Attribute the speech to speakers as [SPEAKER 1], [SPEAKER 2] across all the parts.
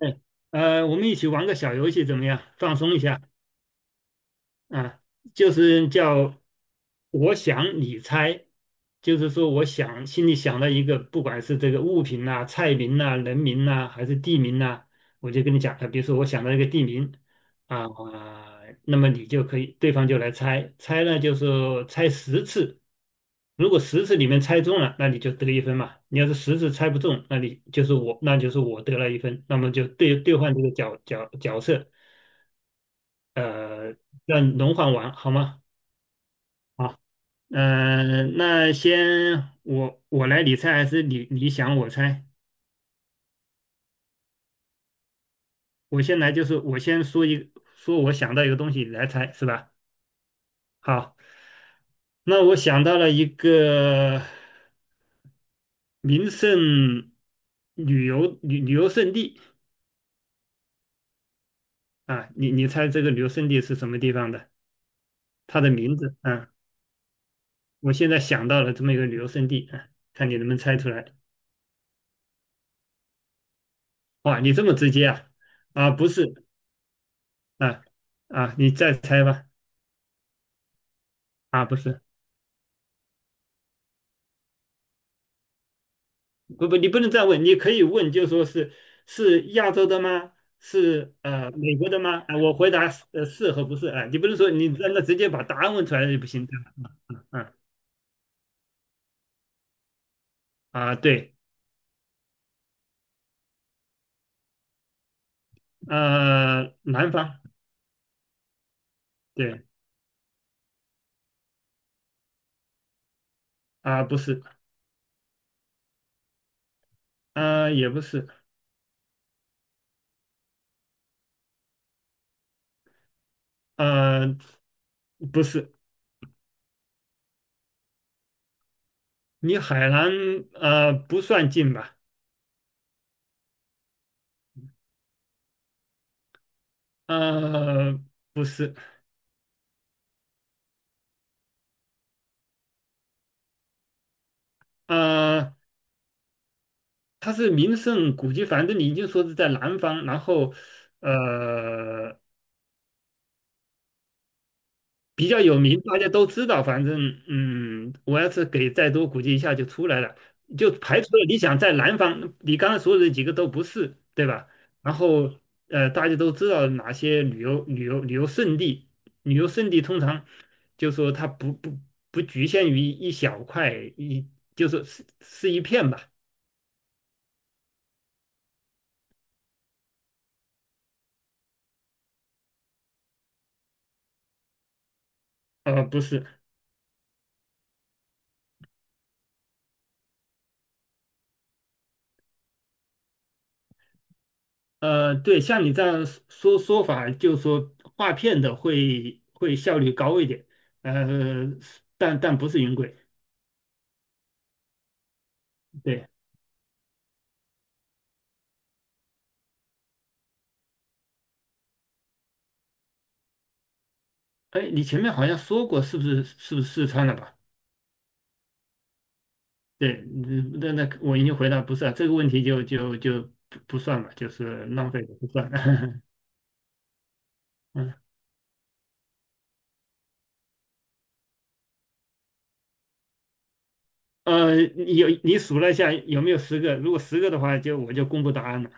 [SPEAKER 1] 哎，我们一起玩个小游戏怎么样？放松一下。啊，就是叫我想你猜，就是说我想心里想到一个，不管是这个物品呐、菜名呐、人名呐、还是地名呐、我就跟你讲啊，比如说我想到一个地名啊，那么你就可以，对方就来猜，猜呢就是猜十次，如果十次里面猜中了，那你就得一分嘛。你要是十次猜不中，那你就是我，那就是我得了一分，那么就兑换这个角色，让你轮换完好吗？啊。那先我来理猜还是你想我猜？我先来就是我先说一说我想到一个东西你来猜是吧？好，那我想到了一个名胜旅游胜地啊，你猜这个旅游胜地是什么地方的？它的名字啊，我现在想到了这么一个旅游胜地啊，看你能不能猜出来。哇，你这么直接啊？啊，不是啊啊，你再猜吧。啊，不是。不不，你不能再问，你可以问，就说是是亚洲的吗？是美国的吗？啊，我回答是是和不是啊，你不能说你让他直接把答案问出来就不行。嗯嗯嗯啊，对，南方，对啊，不是，也不是，呃，不是，你海南不算近吧？呃，不是，呃，它是名胜古迹，反正你就说是在南方，然后呃比较有名，大家都知道。反正嗯，我要是给再多估计一下就出来了，就排除了你想在南方，你刚刚说的几个都不是，对吧？然后大家都知道哪些旅游胜地，旅游胜地通常就说它不局限于一小块一，就是是是一片吧？不是。对，像你这样说法，就是说画片的会效率高一点，呃，但但不是云轨。对，哎，你前面好像说过，是不是四川的吧？对，嗯那那我已经回答不是啊，这个问题就不算了，就是浪费的不算。嗯，你有你数了一下有没有十个？如果十个的话，就我就公布答案了。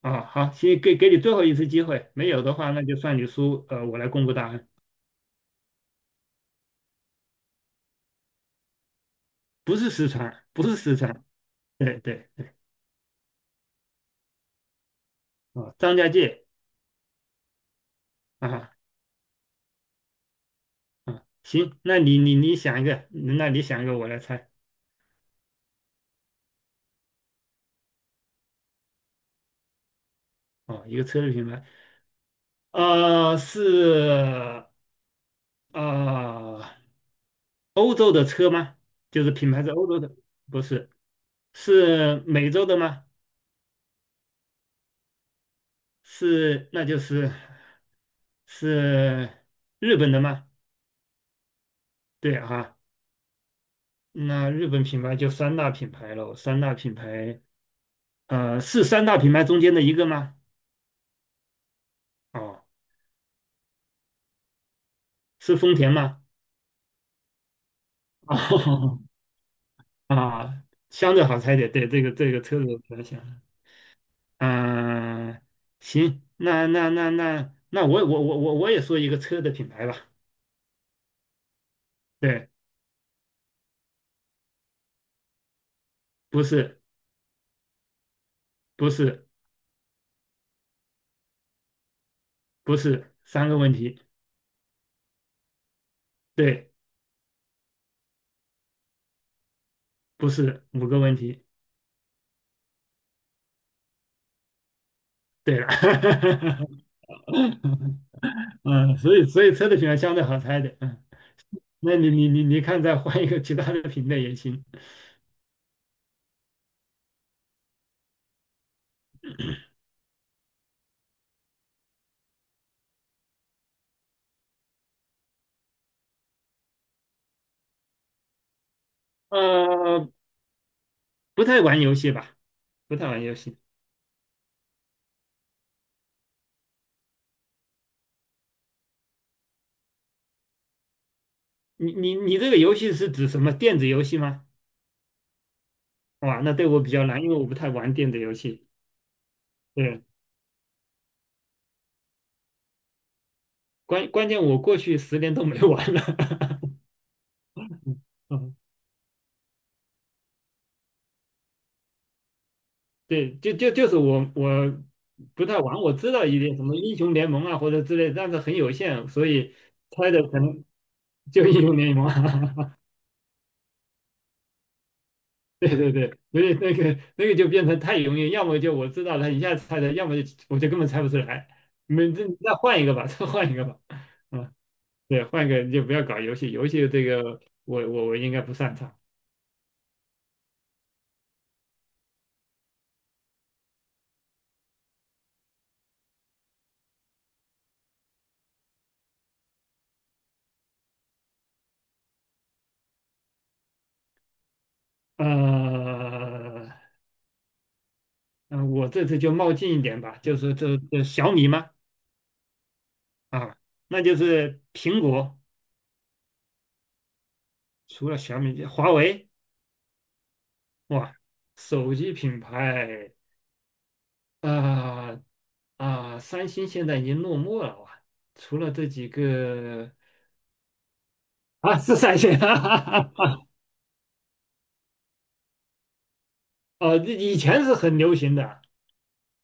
[SPEAKER 1] 啊，好，行，给你最后一次机会，没有的话，那就算你输，我来公布答案。不是四川，不是四川，对对对哦，张家界啊啊，行，那你想一个，那你想一个，我来猜，哦，一个车的品牌，是呃欧洲的车吗？就是品牌是欧洲的，不是，是美洲的吗？是，那就是是日本的吗？对啊，那日本品牌就三大品牌喽，三大品牌，是三大品牌中间的一个吗？哦。是丰田吗？哦啊，相对好猜一点，对，这个车子我比较然嗯、行，那那我也说一个车的品牌吧，对，不是不是不是三个问题，对，不是五个问题，对了，嗯，所以车的品牌相对好猜的。嗯，那你看再换一个其他的品类也行，呃，不太玩游戏吧，不太玩游戏。你这个游戏是指什么电子游戏吗？哇，那对我比较难，因为我不太玩电子游戏。对，关键我过去10年都没玩了。嗯，嗯对，就是我不太玩，我知道一点什么英雄联盟啊或者之类，但是很有限，所以猜的可能就英雄联盟啊。对对对，所以那个就变成太容易，要么就我知道了一下猜的，要么就我就根本猜不出来。没，这再换一个吧，再换一个吧。嗯对，换一个你就不要搞游戏，游戏这个我应该不擅长。呃，嗯，我这次就冒进一点吧，就是这小米嘛，啊，那就是苹果，除了小米，华为，哇，手机品牌，啊啊，三星现在已经落寞了哇，除了这几个啊，是三星，啊，哦，以前是很流行的，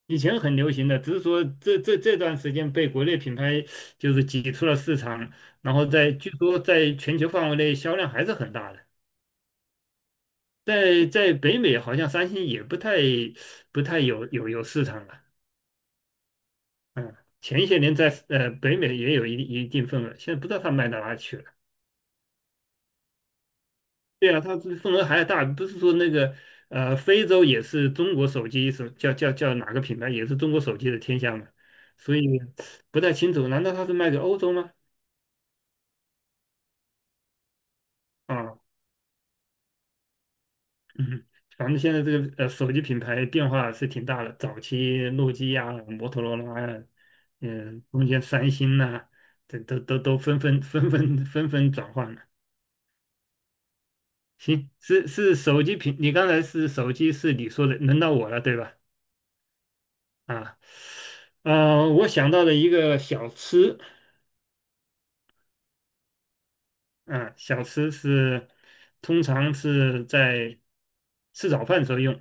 [SPEAKER 1] 以前很流行的，只是说这段时间被国内品牌就是挤出了市场，然后在据说在全球范围内销量还是很大的，在北美好像三星也不太不太有市场了，嗯，前些年在北美也有一定份额，现在不知道它卖到哪去了。对啊，它这份额还大，不是说那个非洲也是中国手机什么叫哪个品牌也是中国手机的天下嘛，所以不太清楚，难道它是卖给欧洲吗？啊。嗯，咱们现在这个手机品牌变化是挺大的，早期诺基亚、摩托罗拉呀，嗯，中间三星呐、这都纷纷转换了。行，是手机品，你刚才是手机是你说的，轮到我了对吧？啊，我想到了一个小吃，啊，小吃是通常是在吃早饭时候用，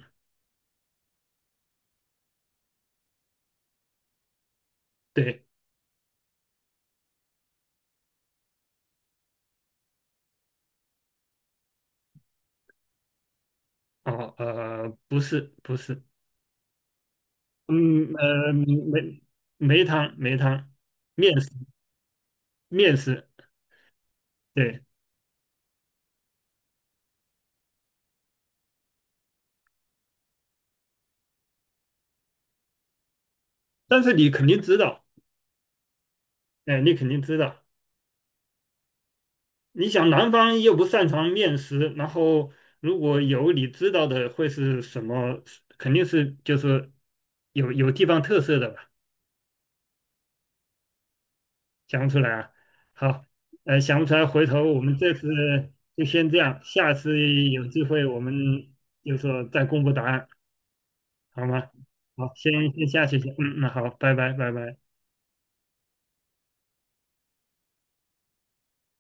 [SPEAKER 1] 对，哦，不是不是，嗯呃梅梅汤面食面食，对，但是你肯定知道，哎，你肯定知道。你想南方又不擅长面食，然后如果有你知道的会是什么？肯定是就是有地方特色的吧？想不出来啊？好，想不出来，回头我们这次就先这样，下次有机会我们就说再公布答案，好吗？好，先先下去先，嗯，那好，拜拜，拜拜。